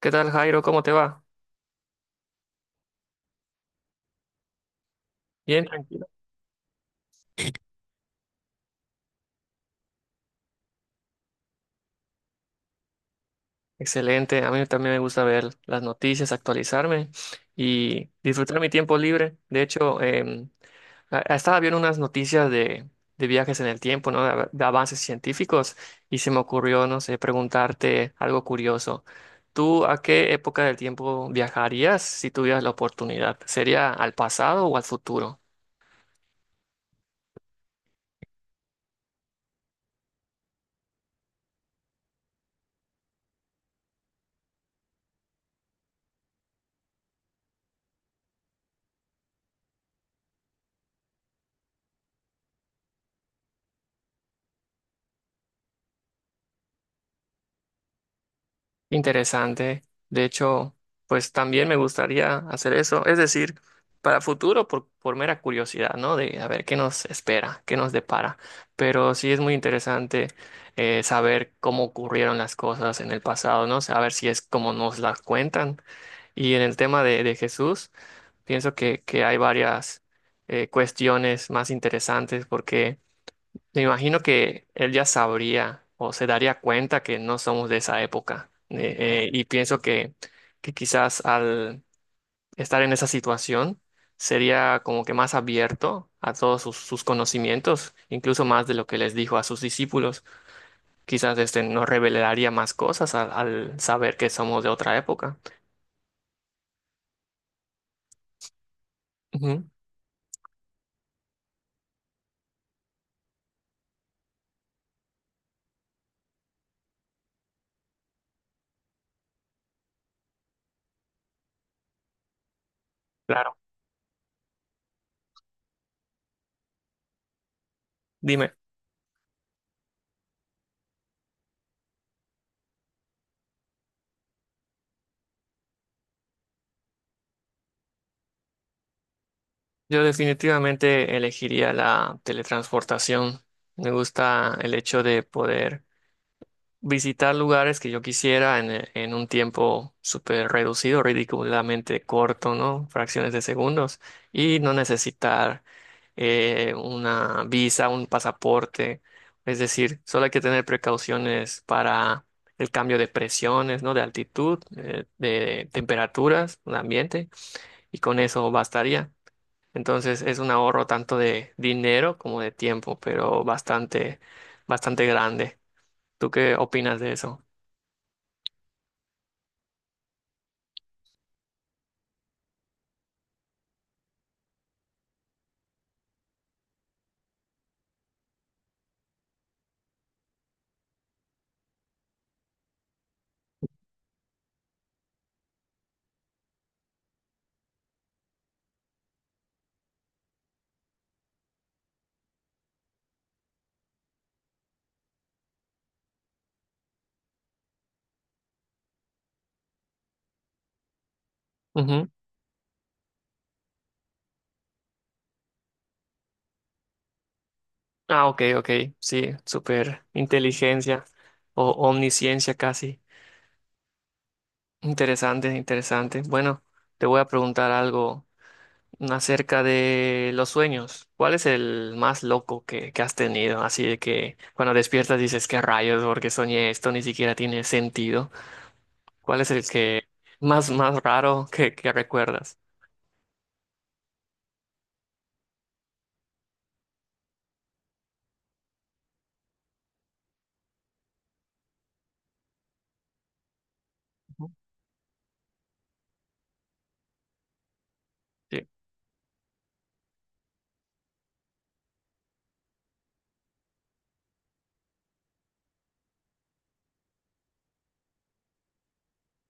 ¿Qué tal, Jairo? ¿Cómo te va? Bien, tranquilo. Excelente. A mí también me gusta ver las noticias, actualizarme y disfrutar mi tiempo libre. De hecho, estaba viendo unas noticias de viajes en el tiempo, ¿no? De avances científicos y se me ocurrió, no sé, preguntarte algo curioso. ¿Tú a qué época del tiempo viajarías si tuvieras la oportunidad? ¿Sería al pasado o al futuro? Interesante. De hecho, pues también me gustaría hacer eso. Es decir, para futuro, por mera curiosidad, ¿no? De a ver qué nos espera, qué nos depara. Pero sí es muy interesante saber cómo ocurrieron las cosas en el pasado, ¿no? Saber si es como nos las cuentan. Y en el tema de Jesús, pienso que hay varias cuestiones más interesantes porque me imagino que él ya sabría o se daría cuenta que no somos de esa época. Y pienso que quizás al estar en esa situación sería como que más abierto a todos sus conocimientos, incluso más de lo que les dijo a sus discípulos. Quizás este nos revelaría más cosas al saber que somos de otra época. Ujú, claro, dime. Yo definitivamente elegiría la teletransportación. Me gusta el hecho de poder visitar lugares que yo quisiera en un tiempo súper reducido, ridículamente corto, ¿no? Fracciones de segundos, y no necesitar una visa, un pasaporte. Es decir, solo hay que tener precauciones para el cambio de presiones, ¿no? De altitud, de temperaturas, un ambiente, y con eso bastaría. Entonces es un ahorro tanto de dinero como de tiempo, pero bastante grande. ¿Tú qué opinas de eso? Ujú. Ah, ok, ok. Sí, súper inteligencia o omnisciencia casi. Interesante, interesante. Bueno, te voy a preguntar algo acerca de los sueños. ¿Cuál es el más loco que has tenido? Así de que cuando despiertas dices, ¿qué rayos? Porque soñé esto, ni siquiera tiene sentido. ¿Cuál es el que más raro que recuerdas? Ujú. Sí,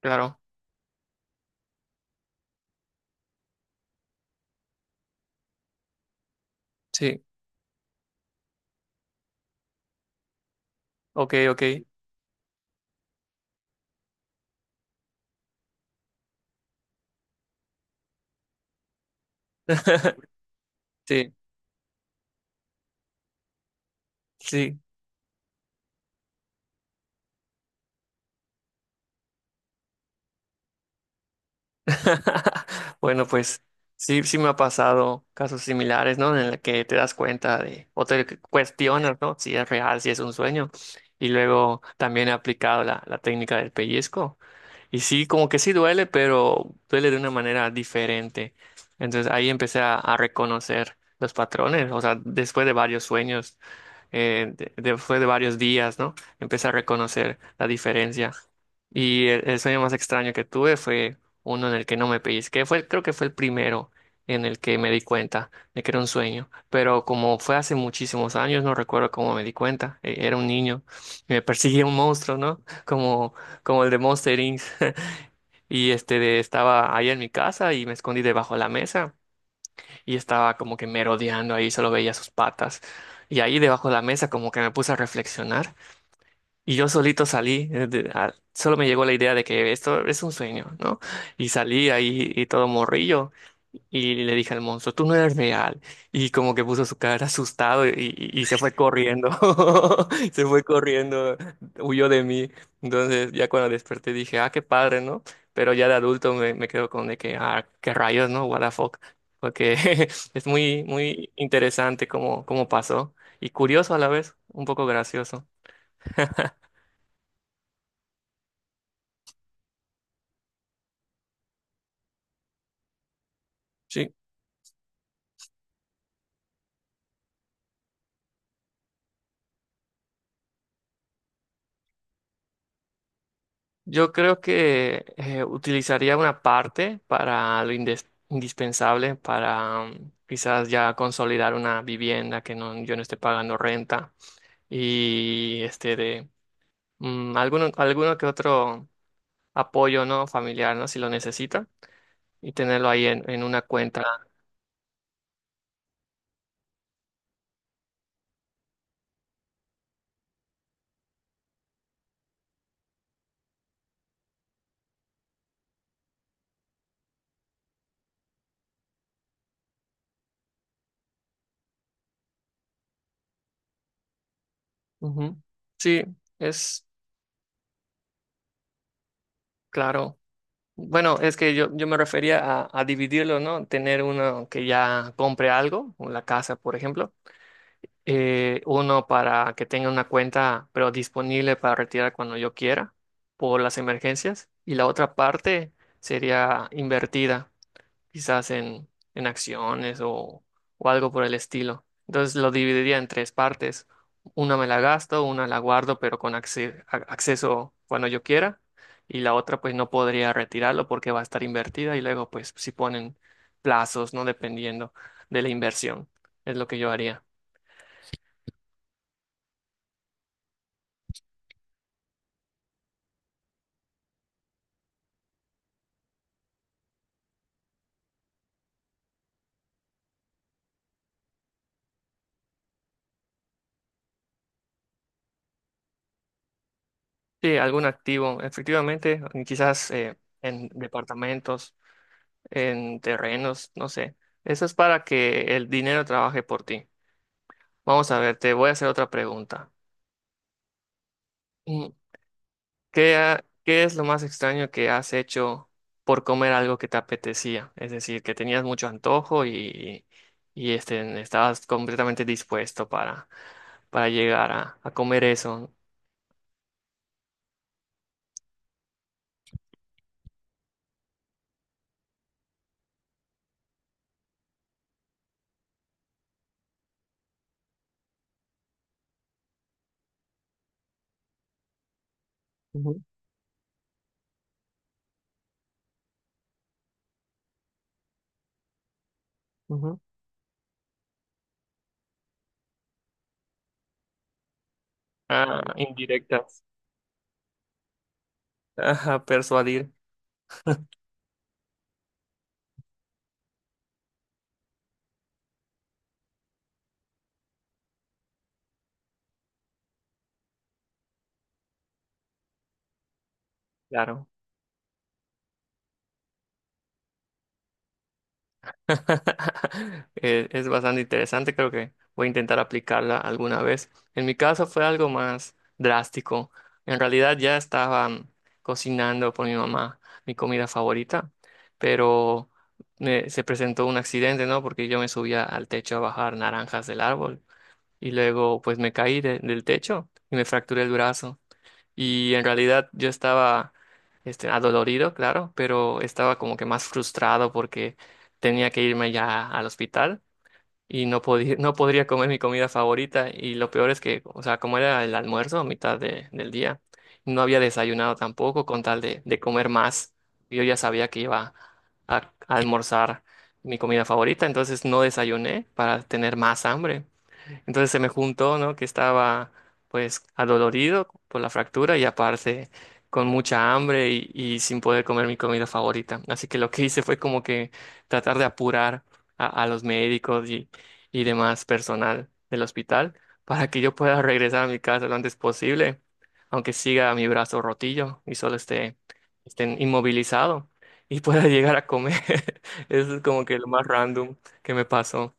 claro. Sí, ok, ok. Sí, sí. Bueno, pues sí, sí me ha pasado casos similares, ¿no? En el que te das cuenta de, o te cuestionas, ¿no? Si es real, si es un sueño. Y luego también he aplicado la técnica del pellizco. Y sí, como que sí duele, pero duele de una manera diferente. Entonces ahí empecé a reconocer los patrones, o sea, después de varios sueños después de varios días, ¿no? Empecé a reconocer la diferencia. Y el sueño más extraño que tuve fue uno en el que no me pellizqué. Fue, creo que fue el primero en el que me di cuenta de que era un sueño. Pero como fue hace muchísimos años, no recuerdo cómo me di cuenta. Era un niño y me perseguía un monstruo, ¿no? Como, como el de Monster Inc. Y este estaba ahí en mi casa y me escondí debajo de la mesa y estaba como que merodeando ahí, solo veía sus patas. Y ahí debajo de la mesa como que me puse a reflexionar y yo solito salí, solo me llegó la idea de que esto es un sueño, ¿no? Y salí ahí y todo morrillo y le dije al monstruo, tú no eres real. Y como que puso su cara asustado y se fue corriendo, se fue corriendo, huyó de mí. Entonces ya cuando desperté dije, ah, qué padre, ¿no? Pero ya de adulto me quedo con de que, ah, qué rayos, ¿no? What the fuck. Porque es muy interesante cómo pasó y curioso a la vez, un poco gracioso. Sí, yo creo que utilizaría una parte para lo indispensable, para mm, quizás ya consolidar una vivienda que no, yo no esté pagando renta y este de mm, alguno que otro apoyo no familiar, ¿no? Si lo necesita y tenerlo ahí en una cuenta. Ujú. Sí, es claro. Bueno, es que yo me refería a dividirlo, ¿no? Tener uno que ya compre algo, la casa, por ejemplo uno para que tenga una cuenta, pero disponible para retirar cuando yo quiera por las emergencias, y la otra parte sería invertida, quizás en acciones o algo por el estilo. Entonces lo dividiría en tres partes. Una me la gasto, una la guardo, pero con acceso cuando yo quiera, y la otra pues no podría retirarlo porque va a estar invertida y luego pues si ponen plazos, ¿no? Dependiendo de la inversión, es lo que yo haría. Sí, algún activo, efectivamente, y quizás en departamentos, en terrenos, no sé. Eso es para que el dinero trabaje por ti. Vamos a ver, te voy a hacer otra pregunta. Mm, ¿ qué es lo más extraño que has hecho por comer algo que te apetecía? Es decir, que tenías mucho antojo y estabas completamente dispuesto para llegar a comer eso. Ujú, ujú. Ah, indirectas. Ajá, persuadir, claro. Es bastante interesante, creo que voy a intentar aplicarla alguna vez. En mi caso fue algo más drástico. En realidad ya estaba mm, cocinando por mi mamá mi comida favorita, pero se presentó un accidente, ¿no? Porque yo me subía al techo a bajar naranjas del árbol y luego pues me caí del techo y me fracturé el brazo y en realidad yo estaba este, adolorido, claro, pero estaba como que más frustrado porque tenía que irme ya al hospital y no podía, no podría comer mi comida favorita y lo peor es que, o sea, como era el almuerzo a mitad del día, no había desayunado tampoco con tal de comer más. Yo ya sabía que iba a almorzar mi comida favorita, entonces no desayuné para tener más hambre. Entonces se me juntó, ¿no? Que estaba pues adolorido por la fractura y aparte con mucha hambre y sin poder comer mi comida favorita. Así que lo que hice fue como que tratar de apurar a los médicos y demás personal del hospital para que yo pueda regresar a mi casa lo antes posible, aunque siga mi brazo rotillo y solo esté inmovilizado y pueda llegar a comer. Eso es como que lo más random que me pasó.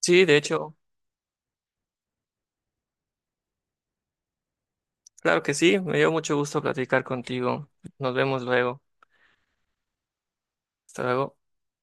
Sí, de hecho. Claro que sí, me dio mucho gusto platicar contigo. Nos vemos luego. Hasta luego.